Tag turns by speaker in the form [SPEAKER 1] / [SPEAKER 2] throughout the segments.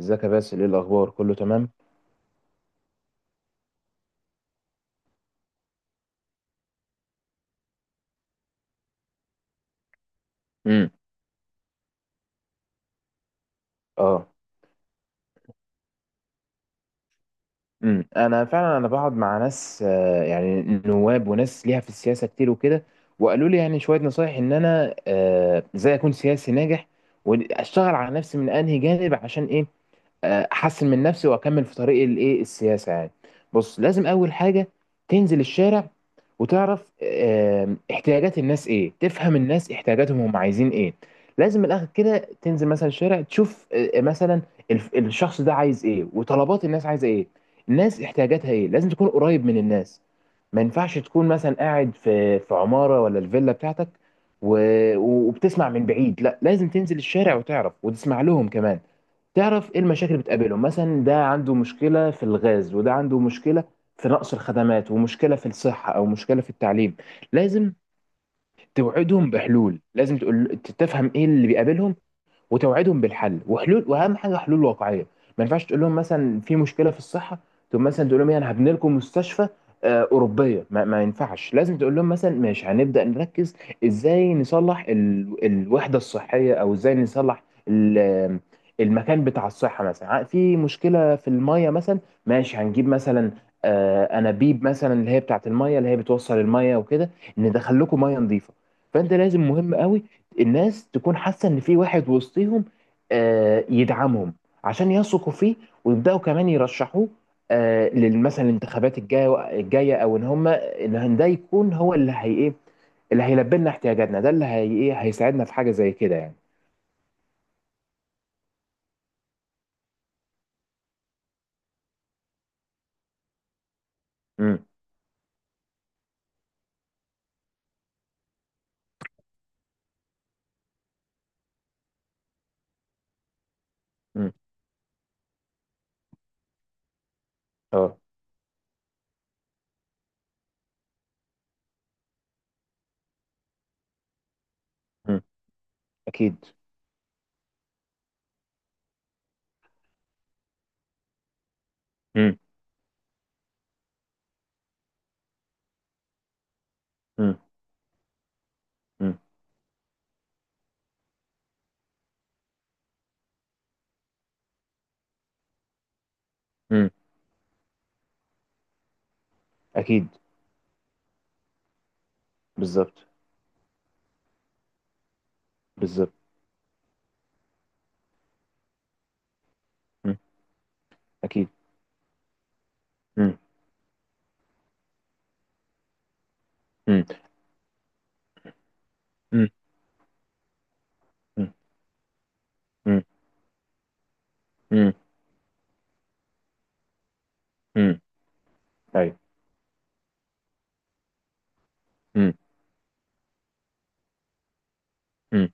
[SPEAKER 1] ازيك يا باسل، ايه الاخبار؟ كله تمام. امم. اه. امم. فعلا انا بقعد مع ناس، يعني نواب وناس ليها في السياسه كتير وكده. وقالوا لي يعني شويه نصايح ان انا ازاي اكون سياسي ناجح، واشتغل على نفسي من انهي جانب، عشان ايه؟ احسن من نفسي واكمل في طريق الايه السياسه يعني. بص، لازم اول حاجه تنزل الشارع وتعرف احتياجات الناس ايه، تفهم الناس احتياجاتهم، هم عايزين ايه. لازم من الاخر كده تنزل مثلا الشارع، تشوف مثلا الشخص ده عايز ايه وطلبات الناس عايزه ايه، الناس احتياجاتها ايه. لازم تكون قريب من الناس، ما ينفعش تكون مثلا قاعد في عمارة ولا الفيلا بتاعتك و... وبتسمع من بعيد. لا لازم تنزل الشارع وتعرف وتسمع لهم كمان، تعرف ايه المشاكل اللي بتقابلهم. مثلا ده عنده مشكله في الغاز وده عنده مشكله في نقص الخدمات، ومشكله في الصحه او مشكله في التعليم. لازم توعدهم بحلول، لازم تقول تفهم ايه اللي بيقابلهم وتوعدهم بالحل وحلول، واهم حاجه حلول واقعيه. ما ينفعش تقول لهم مثلا في مشكله في الصحه تقوم مثلا تقول لهم ايه، انا هبني لكم مستشفى اوروبيه. ما ينفعش، لازم تقول لهم مثلا ماشي هنبدا نركز ازاي نصلح الوحده الصحيه، او ازاي نصلح ال... المكان بتاع الصحه. مثلا في مشكله في الميه مثلا، ماشي هنجيب مثلا انابيب مثلا، اللي هي بتاعت الميه، اللي هي بتوصل الميه وكده، ندخل لكم ميه نظيفه. فانت لازم، مهم قوي الناس تكون حاسه ان في واحد وسطيهم يدعمهم عشان يثقوا فيه، ويبداوا كمان يرشحوه مثلا الانتخابات الجايه، او ان هم ان هن- ده يكون هو اللي هي ايه، اللي هيلبي لنا احتياجاتنا، ده اللي هي ايه هيساعدنا في حاجه زي كده يعني. امم. امم. اه. امم. اكيد. امم. امم. امم. امم. اكيد. بالظبط. بالظبط. امم. اكيد. امم. امم. امم. امم. امم. امم. ايوه. امم.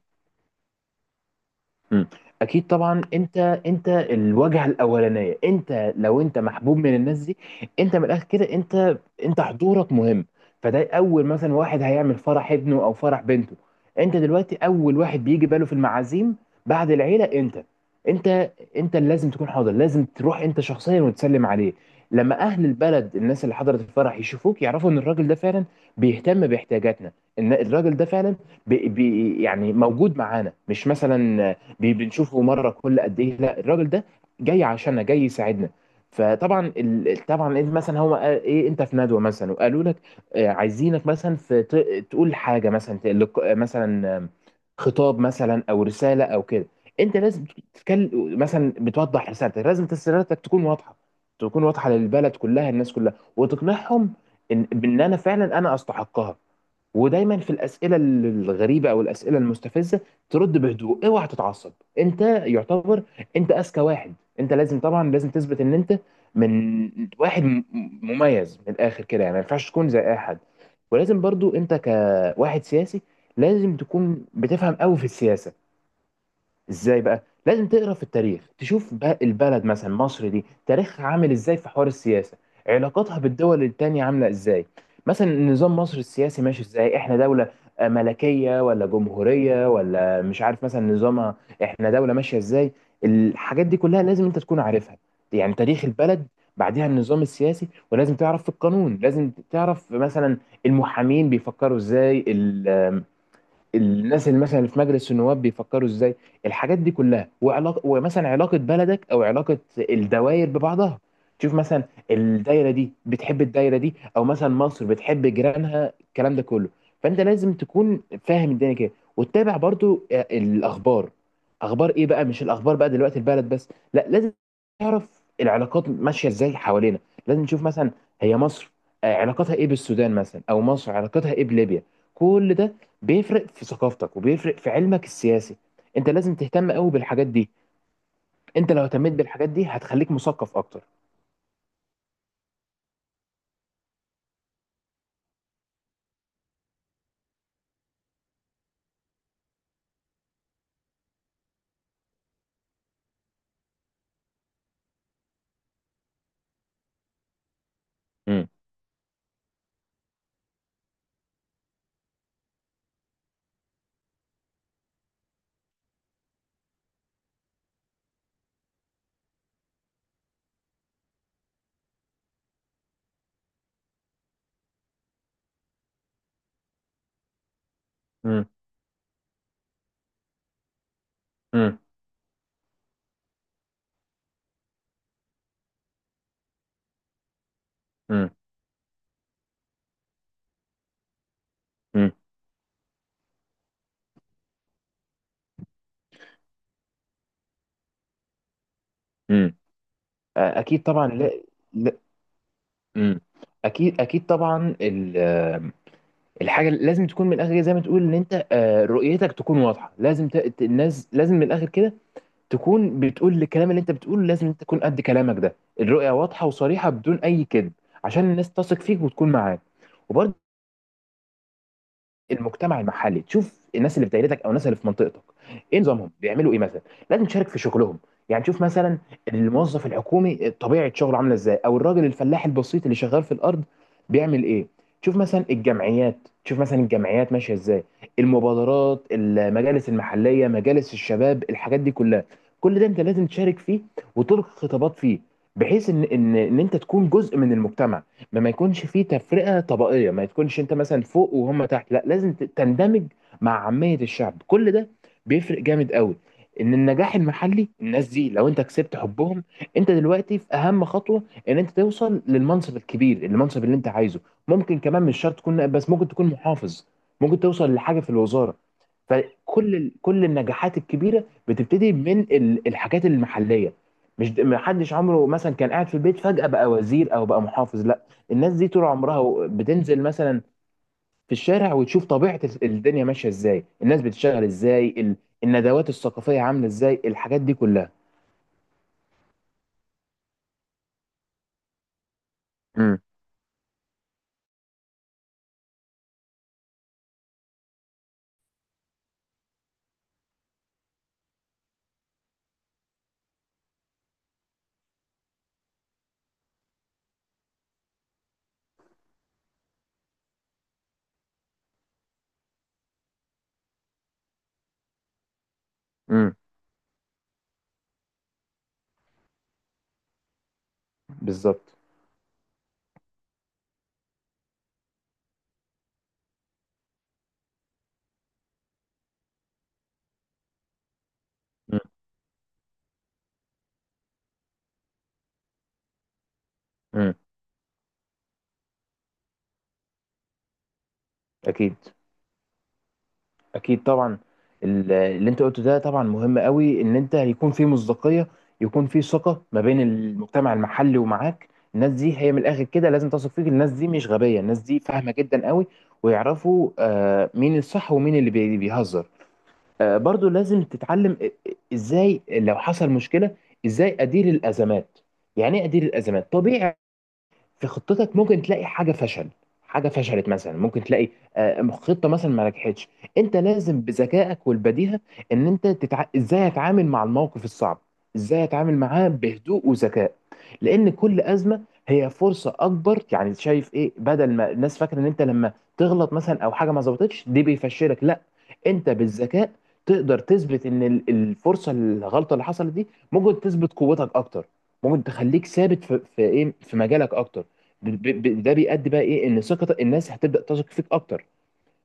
[SPEAKER 1] مم. اكيد طبعا، انت الواجهه الاولانيه، انت لو انت محبوب من الناس دي، انت من الاخر كده انت حضورك مهم. فده اول مثلا واحد هيعمل فرح ابنه او فرح بنته، انت دلوقتي اول واحد بيجي باله في المعازيم بعد العيله. انت انت انت اللي لازم تكون حاضر، لازم تروح انت شخصيا وتسلم عليه. لما اهل البلد، الناس اللي حضرت الفرح يشوفوك، يعرفوا ان الراجل ده فعلا بيهتم باحتياجاتنا، ان الراجل ده فعلا بي بي يعني موجود معانا، مش مثلا بنشوفه مره كل قد ايه. لا الراجل ده جاي عشاننا، جاي يساعدنا. فطبعا طبعا انت مثلا هو قال ايه انت في ندوه مثلا وقالوا لك عايزينك مثلا في تقول حاجه مثلا تقلق... آه، مثلا خطاب مثلا او رساله او كده. انت لازم تتكلم مثلا، بتوضح رسالتك، لازم رسالتك تكون واضحه، تكون واضحه للبلد كلها، الناس كلها، وتقنعهم ان بان انا فعلا انا استحقها. ودايما في الاسئله الغريبه او الاسئله المستفزه ترد بهدوء، اوعى تتعصب. انت يعتبر انت اذكى واحد، انت لازم طبعا لازم تثبت ان انت من واحد مميز من الاخر كده يعني، ما ينفعش تكون زي اي حد. ولازم برضو انت كواحد سياسي لازم تكون بتفهم قوي في السياسة. ازاي بقى؟ لازم تقرا في التاريخ، تشوف بقى البلد مثلا مصر دي تاريخها عامل ازاي في حوار السياسه، علاقاتها بالدول التانية عامله ازاي، مثلا نظام مصر السياسي ماشي ازاي، احنا دوله ملكيه ولا جمهوريه، ولا مش عارف مثلا نظامها، احنا دوله ماشيه ازاي. الحاجات دي كلها لازم انت تكون عارفها، يعني تاريخ البلد، بعدها النظام السياسي. ولازم تعرف في القانون، لازم تعرف مثلا المحامين بيفكروا ازاي، الناس اللي مثلا في مجلس النواب بيفكروا ازاي، الحاجات دي كلها، وعلاقه ومثلا علاقه بلدك او علاقه الدوائر ببعضها. تشوف مثلا الدايره دي بتحب الدايره دي، او مثلا مصر بتحب جيرانها، الكلام ده كله. فانت لازم تكون فاهم الدنيا كده، وتتابع برضو الاخبار. اخبار ايه بقى؟ مش الاخبار بقى دلوقتي البلد بس، لا لازم تعرف العلاقات ماشيه ازاي حوالينا. لازم نشوف مثلا هي مصر علاقتها ايه بالسودان مثلا، او مصر علاقتها ايه بليبيا. كل ده بيفرق في ثقافتك وبيفرق في علمك السياسي، انت لازم تهتم قوي بالحاجات دي. انت لو اهتميت بالحاجات دي هتخليك مثقف اكتر. مم. مم. مم. مم. مم. مم. آه، اكيد طبعا. لا, لا. مم. اكيد، اكيد طبعا الحاجه اللي لازم تكون من الاخر زي ما تقول ان انت رؤيتك تكون واضحه، لازم الناس لازم من الاخر كده تكون بتقول الكلام اللي انت بتقوله، لازم انت تكون قد كلامك ده، الرؤيه واضحه وصريحه بدون اي كذب، عشان الناس تثق فيك وتكون معاك. وبرضه المجتمع المحلي، تشوف الناس اللي في دايرتك او الناس اللي في منطقتك ايه نظامهم، بيعملوا ايه مثلا، لازم تشارك في شغلهم. يعني تشوف مثلا الموظف الحكومي طبيعه شغله عامله ازاي، او الراجل الفلاح البسيط اللي شغال في الارض بيعمل ايه. تشوف مثلا الجمعيات، تشوف مثلا الجمعيات ماشيه ازاي، المبادرات، المجالس المحليه، مجالس الشباب، الحاجات دي كلها، كل ده انت لازم تشارك فيه وتلقي خطابات فيه، بحيث ان انت تكون جزء من المجتمع، ما يكونش فيه تفرقة طبقية، ما تكونش انت مثلا فوق وهم تحت. لا لازم تندمج مع عامية الشعب. كل ده بيفرق جامد قوي، ان النجاح المحلي الناس دي لو انت كسبت حبهم، انت دلوقتي في اهم خطوة ان انت توصل للمنصب الكبير، المنصب اللي انت عايزه. ممكن كمان مش شرط تكون نائب بس، ممكن تكون محافظ، ممكن توصل لحاجة في الوزارة. فكل كل النجاحات الكبيرة بتبتدي من الحاجات المحلية، مش ما حدش عمره مثلا كان قاعد في البيت فجأة بقى وزير او بقى محافظ. لا الناس دي طول عمرها بتنزل مثلا في الشارع وتشوف طبيعة الدنيا ماشية ازاي، الناس بتشتغل ازاي، الندوات الثقافية عاملة ازاي، الحاجات دي كلها. امم. امم. بالظبط. امم. امم. اكيد، اكيد طبعا اللي انت قلته ده طبعا مهم قوي، ان انت يكون في مصداقية، يكون في ثقة ما بين المجتمع المحلي ومعاك. الناس دي هي من الاخر كده لازم تثق فيك، الناس دي مش غبية، الناس دي فاهمة جدا قوي، ويعرفوا مين الصح ومين اللي بيهزر. برضو لازم تتعلم ازاي لو حصل مشكلة، ازاي ادير الازمات، يعني ايه ادير الازمات. طبيعي في خطتك ممكن تلاقي حاجه فشل، حاجه فشلت مثلا، ممكن تلاقي خطه مثلا ما نجحتش. انت لازم بذكائك والبديهه ان انت ازاي اتعامل مع الموقف الصعب، ازاي اتعامل معاه بهدوء وذكاء. لان كل ازمه هي فرصه اكبر يعني، شايف ايه؟ بدل ما الناس فاكره ان انت لما تغلط مثلا او حاجه ما ظبطتش دي بيفشلك، لا انت بالذكاء تقدر تثبت ان الفرصه الغلطه اللي حصلت دي ممكن تثبت قوتك اكتر، ممكن تخليك ثابت في ايه في مجالك اكتر. ده بيؤدي بقى ايه، ان ثقه الناس هتبدا تثق فيك اكتر.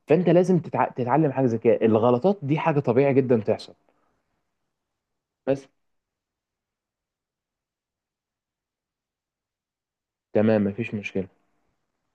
[SPEAKER 1] فانت لازم تتعلم حاجه زي كده، الغلطات دي حاجه طبيعي جدا تحصل. بس تمام، مفيش مشكله.